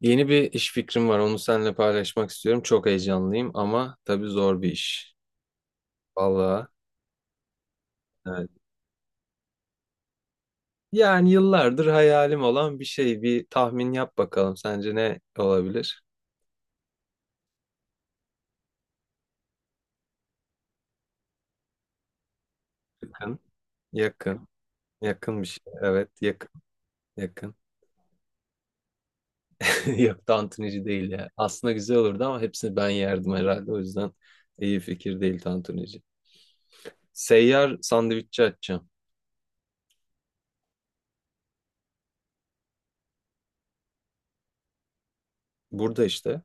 Yeni bir iş fikrim var. Onu seninle paylaşmak istiyorum. Çok heyecanlıyım ama tabii zor bir iş. Vallahi evet. Yani yıllardır hayalim olan bir şey. Bir tahmin yap bakalım. Sence ne olabilir? Yakın. Yakın. Yakın bir şey. Evet, yakın. Yakın. Yok, tantunici değil ya. Aslında güzel olurdu ama hepsini ben yerdim herhalde. O yüzden iyi fikir değil tantunici. Seyyar sandviççi açacağım. Burada işte.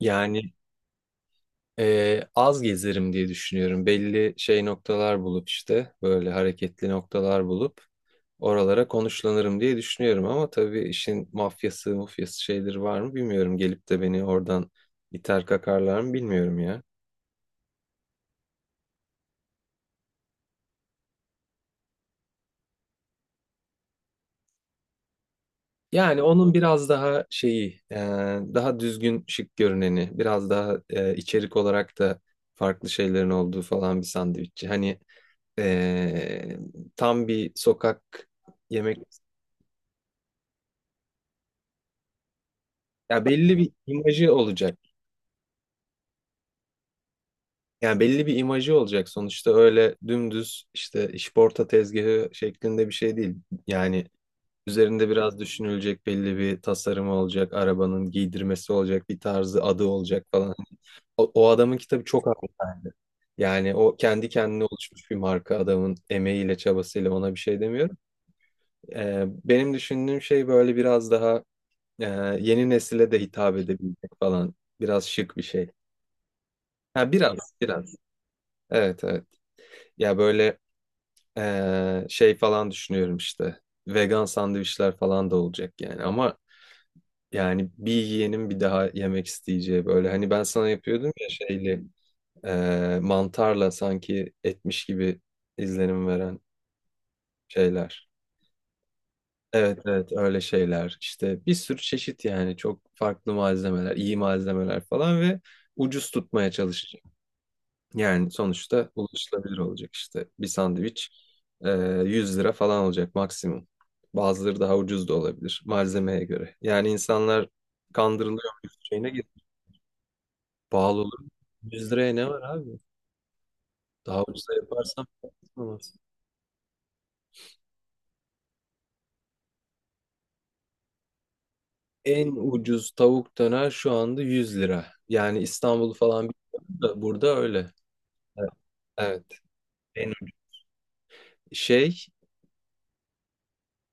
Yani az gezerim diye düşünüyorum. Belli şey noktalar bulup işte böyle hareketli noktalar bulup oralara konuşlanırım diye düşünüyorum. Ama tabii işin mafyası mufyası şeyleri var mı bilmiyorum. Gelip de beni oradan iter kakarlar mı bilmiyorum ya. Yani onun biraz daha şeyi daha düzgün şık görüneni biraz daha içerik olarak da farklı şeylerin olduğu falan bir sandviççi. Hani e, tam bir sokak yemek ya belli bir imajı olacak. Yani belli bir imajı olacak sonuçta öyle dümdüz işte işporta tezgahı şeklinde bir şey değil. Yani üzerinde biraz düşünülecek belli bir tasarımı olacak, arabanın giydirmesi olacak, bir tarzı adı olacak falan. O adamın kitabı çok haklı. Yani o kendi kendine oluşmuş bir marka adamın emeğiyle çabasıyla ona bir şey demiyorum. Benim düşündüğüm şey böyle biraz daha e, yeni nesile de hitap edebilecek falan biraz şık bir şey. Ha, biraz biraz, evet evet. Ya böyle şey falan düşünüyorum işte. Vegan sandviçler falan da olacak yani. Ama yani bir yiyenin bir daha yemek isteyeceği böyle. Hani ben sana yapıyordum ya şeyli mantarla sanki etmiş gibi izlenim veren şeyler. Evet evet, öyle şeyler. İşte bir sürü çeşit yani çok farklı malzemeler, iyi malzemeler falan ve ucuz tutmaya çalışacağım. Yani sonuçta ulaşılabilir olacak işte. Bir sandviç e, 100 lira falan olacak maksimum. Bazıları daha ucuz da olabilir malzemeye göre. Yani insanlar kandırılıyor bir şeyine gir. Pahalı olur. 100 liraya ne var abi? Daha ucuza yaparsam olmaz. En ucuz tavuk döner şu anda 100 lira. Yani İstanbul'u falan bilmiyorum da burada öyle. Evet. Evet. En ucuz şey.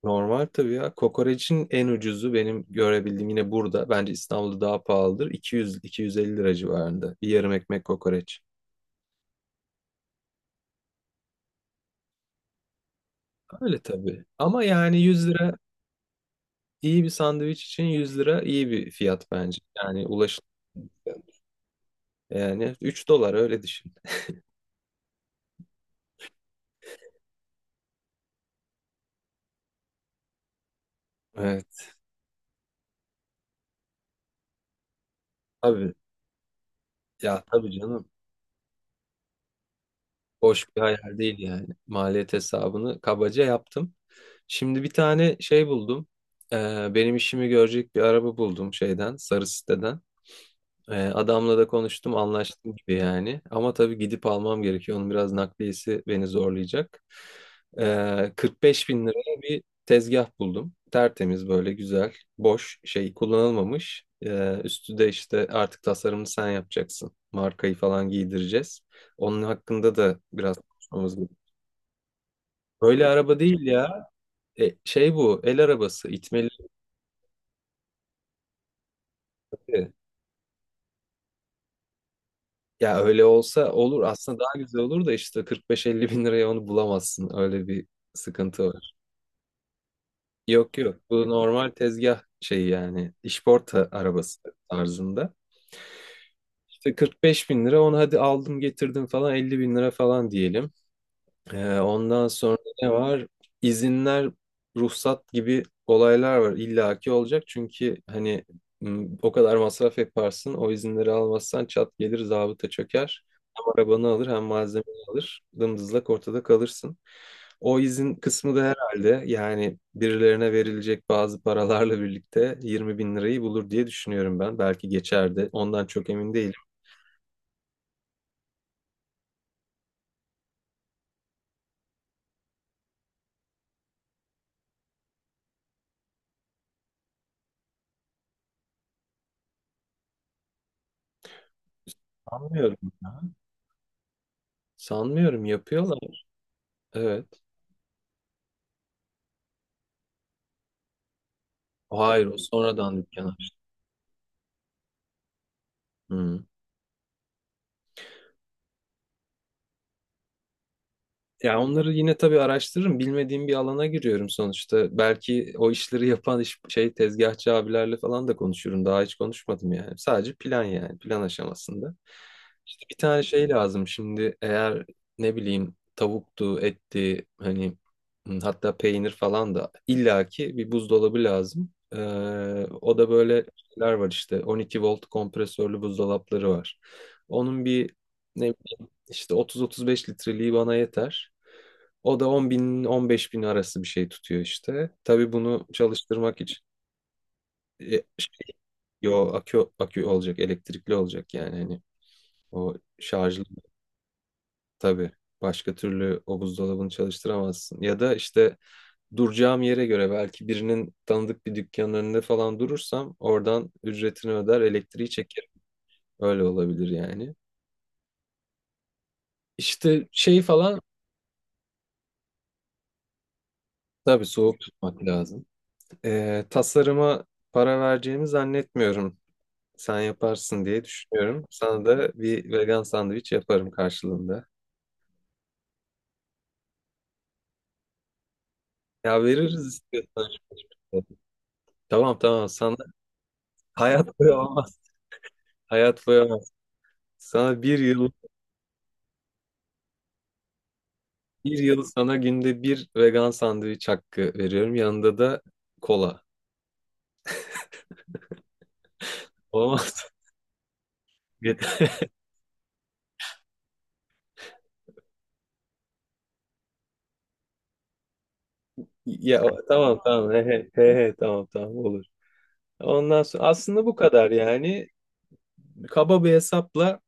Normal tabii ya. Kokoreçin en ucuzu benim görebildiğim yine burada. Bence İstanbul'da daha pahalıdır. 200-250 lira civarında. Bir yarım ekmek kokoreç. Öyle tabii. Ama yani 100 lira, iyi bir sandviç için 100 lira iyi bir fiyat bence. Yani ulaşılır. Yani 3 dolar öyle düşün. Evet. Tabii. Ya tabii canım. Boş bir hayal değil yani. Maliyet hesabını kabaca yaptım. Şimdi bir tane şey buldum. Benim işimi görecek bir araba buldum şeyden, sarı siteden. Adamla da konuştum, anlaştım gibi yani. Ama tabii gidip almam gerekiyor. Onun biraz nakliyesi beni zorlayacak. 45 bin liraya bir tezgah buldum. Tertemiz böyle güzel, boş şey kullanılmamış. Üstü de işte artık tasarımını sen yapacaksın. Markayı falan giydireceğiz. Onun hakkında da biraz konuşmamız gerekiyor. Böyle araba değil ya. Şey bu, el arabası, itmeli. Ya öyle olsa olur. Aslında daha güzel olur da işte 45-50 bin liraya onu bulamazsın. Öyle bir sıkıntı var. Yok yok. Bu normal tezgah şeyi yani. İşporta arabası tarzında. İşte 45 bin lira, onu hadi aldım getirdim falan 50 bin lira falan diyelim. Ondan sonra ne var? İzinler, ruhsat gibi olaylar var. İllaki olacak çünkü hani o kadar masraf yaparsın. O izinleri almazsan çat gelir zabıta çöker. Hem arabanı alır hem malzemeni alır. Dımdızlak ortada kalırsın. O izin kısmı da herhalde yani birilerine verilecek bazı paralarla birlikte 20 bin lirayı bulur diye düşünüyorum ben. Belki geçerdi. Ondan çok emin değilim. Sanmıyorum ya. Sanmıyorum yapıyorlar. Evet. Hayır, o sonradan dükkan aç. Hı. Ya onları yine tabii araştırırım. Bilmediğim bir alana giriyorum sonuçta. Belki o işleri yapan iş, şey tezgahçı abilerle falan da konuşurum. Daha hiç konuşmadım yani. Sadece plan yani. Plan aşamasında. İşte bir tane şey lazım şimdi. Eğer ne bileyim tavuktu, etti hani hı, hatta peynir falan da illaki bir buzdolabı lazım. O da böyle şeyler var işte. 12 volt kompresörlü buzdolapları var. Onun bir ne. İşte 30-35 litreliği bana yeter. O da 10 bin 15 bin arası bir şey tutuyor işte. Tabii bunu çalıştırmak için e, şey, yo, akü olacak, elektrikli olacak yani hani o şarjlı tabii. Başka türlü o buzdolabını çalıştıramazsın. Ya da işte duracağım yere göre belki birinin tanıdık bir dükkanın önünde falan durursam oradan ücretini öder, elektriği çekerim. Öyle olabilir yani. İşte şey falan, tabii soğuk tutmak lazım. Tasarıma para vereceğimi zannetmiyorum. Sen yaparsın diye düşünüyorum. Sana da bir vegan sandviç yaparım karşılığında. Ya veririz istiyorsan şimdi. Tamam tamam sana hayat boyu olmaz. Hayat boyu olmaz. Sana bir yıl, bir yıl sana günde bir vegan sandviç hakkı veriyorum. Yanında da kola. Olmaz. Ya tamam tamam, he, he, he, he, tamam tamam olur. Ondan sonra aslında bu kadar yani. Kaba bir hesapla.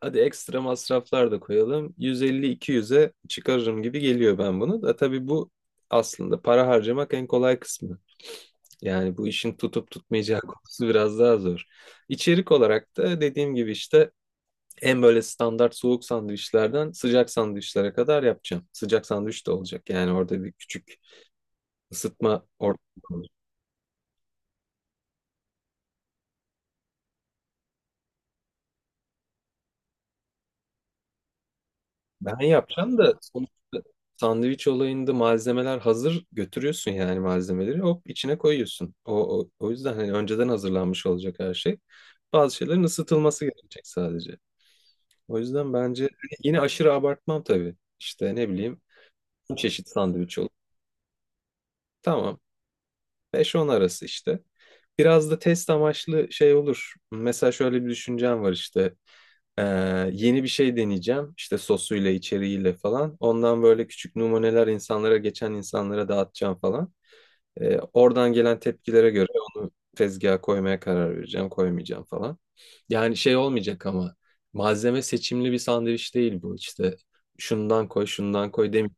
Hadi ekstra masraflar da koyalım. 150-200'e çıkarırım gibi geliyor ben bunu. Da tabii bu aslında para harcamak en kolay kısmı. Yani bu işin tutup tutmayacağı konusu biraz daha zor. İçerik olarak da dediğim gibi işte en böyle standart soğuk sandviçlerden sıcak sandviçlere kadar yapacağım. Sıcak sandviç de olacak. Yani orada bir küçük ısıtma ortamı. Ben yapacağım da sonuçta sandviç olayında malzemeler hazır götürüyorsun yani malzemeleri hop içine koyuyorsun. O yüzden hani önceden hazırlanmış olacak her şey. Bazı şeylerin ısıtılması gerekecek sadece. O yüzden bence yine aşırı abartmam tabii. İşte ne bileyim bir çeşit sandviç olur. Tamam, beş on arası işte. Biraz da test amaçlı şey olur. Mesela şöyle bir düşüncem var işte. Ee, yeni bir şey deneyeceğim. İşte sosuyla, içeriğiyle falan. Ondan böyle küçük numuneler insanlara, geçen insanlara dağıtacağım falan. Oradan gelen tepkilere göre onu tezgaha koymaya karar vereceğim, koymayacağım falan. Yani şey olmayacak ama malzeme seçimli bir sandviç değil bu. İşte şundan koy, şundan koy demiyorum.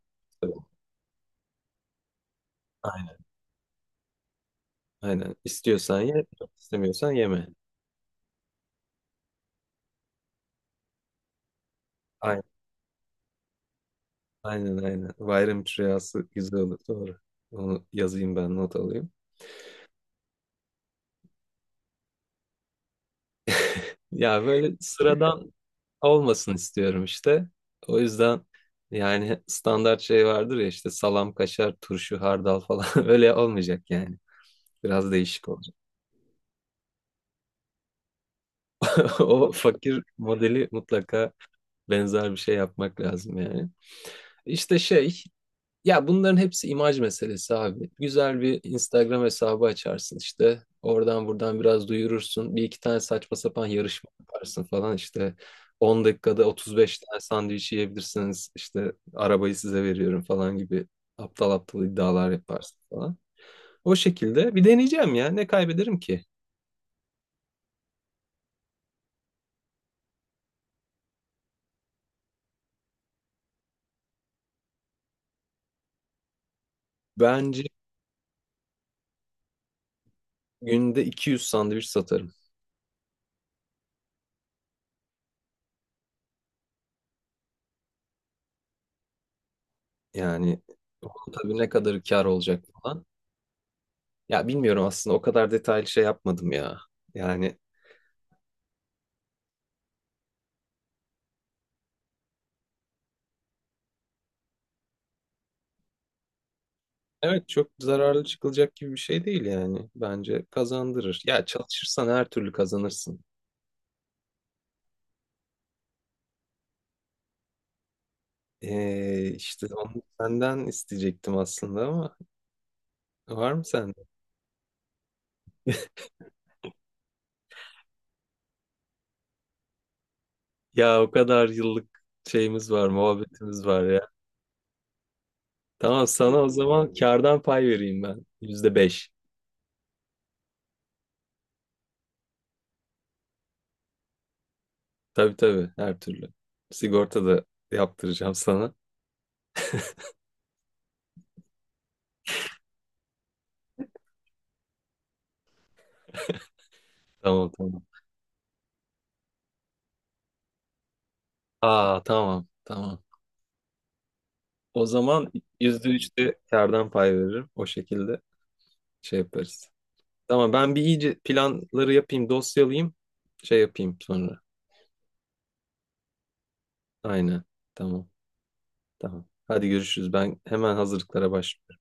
Aynen, aynen. İstiyorsan ye, istemiyorsan yeme. Aynen, aynen, aynen. Bayram rüyası güzel olur, doğru. Onu yazayım ben, not alayım. Ya böyle sıradan olmasın istiyorum işte. O yüzden yani standart şey vardır ya işte salam, kaşar, turşu, hardal falan öyle olmayacak yani. Biraz değişik olacak. O fakir modeli mutlaka benzer bir şey yapmak lazım yani. İşte şey. Ya bunların hepsi imaj meselesi abi. Güzel bir Instagram hesabı açarsın işte. Oradan buradan biraz duyurursun. Bir iki tane saçma sapan yarışma yaparsın falan işte. 10 dakikada 35 tane sandviç yiyebilirsiniz. İşte arabayı size veriyorum falan gibi aptal aptal iddialar yaparsın falan. O şekilde bir deneyeceğim ya. Ne kaybederim ki? Bence günde 200 sandviç satarım. Yani tabii ne kadar kar olacak falan. Ya bilmiyorum aslında o kadar detaylı şey yapmadım ya. Yani evet, çok zararlı çıkılacak gibi bir şey değil yani. Bence kazandırır. Ya çalışırsan her türlü kazanırsın. İşte onu senden isteyecektim aslında ama var mı sende? Ya o kadar yıllık şeyimiz var, muhabbetimiz var ya. Tamam sana o zaman kardan pay vereyim ben. %5. Tabii tabii, her türlü. Sigorta da yaptıracağım sana. Tamam tamam. Aa tamam tamam. O zaman %3'te kardan pay veririm. O şekilde şey yaparız. Tamam ben bir iyice planları yapayım, dosyalayayım. Şey yapayım sonra. Aynen. Tamam. Tamam. Hadi görüşürüz. Ben hemen hazırlıklara başlıyorum.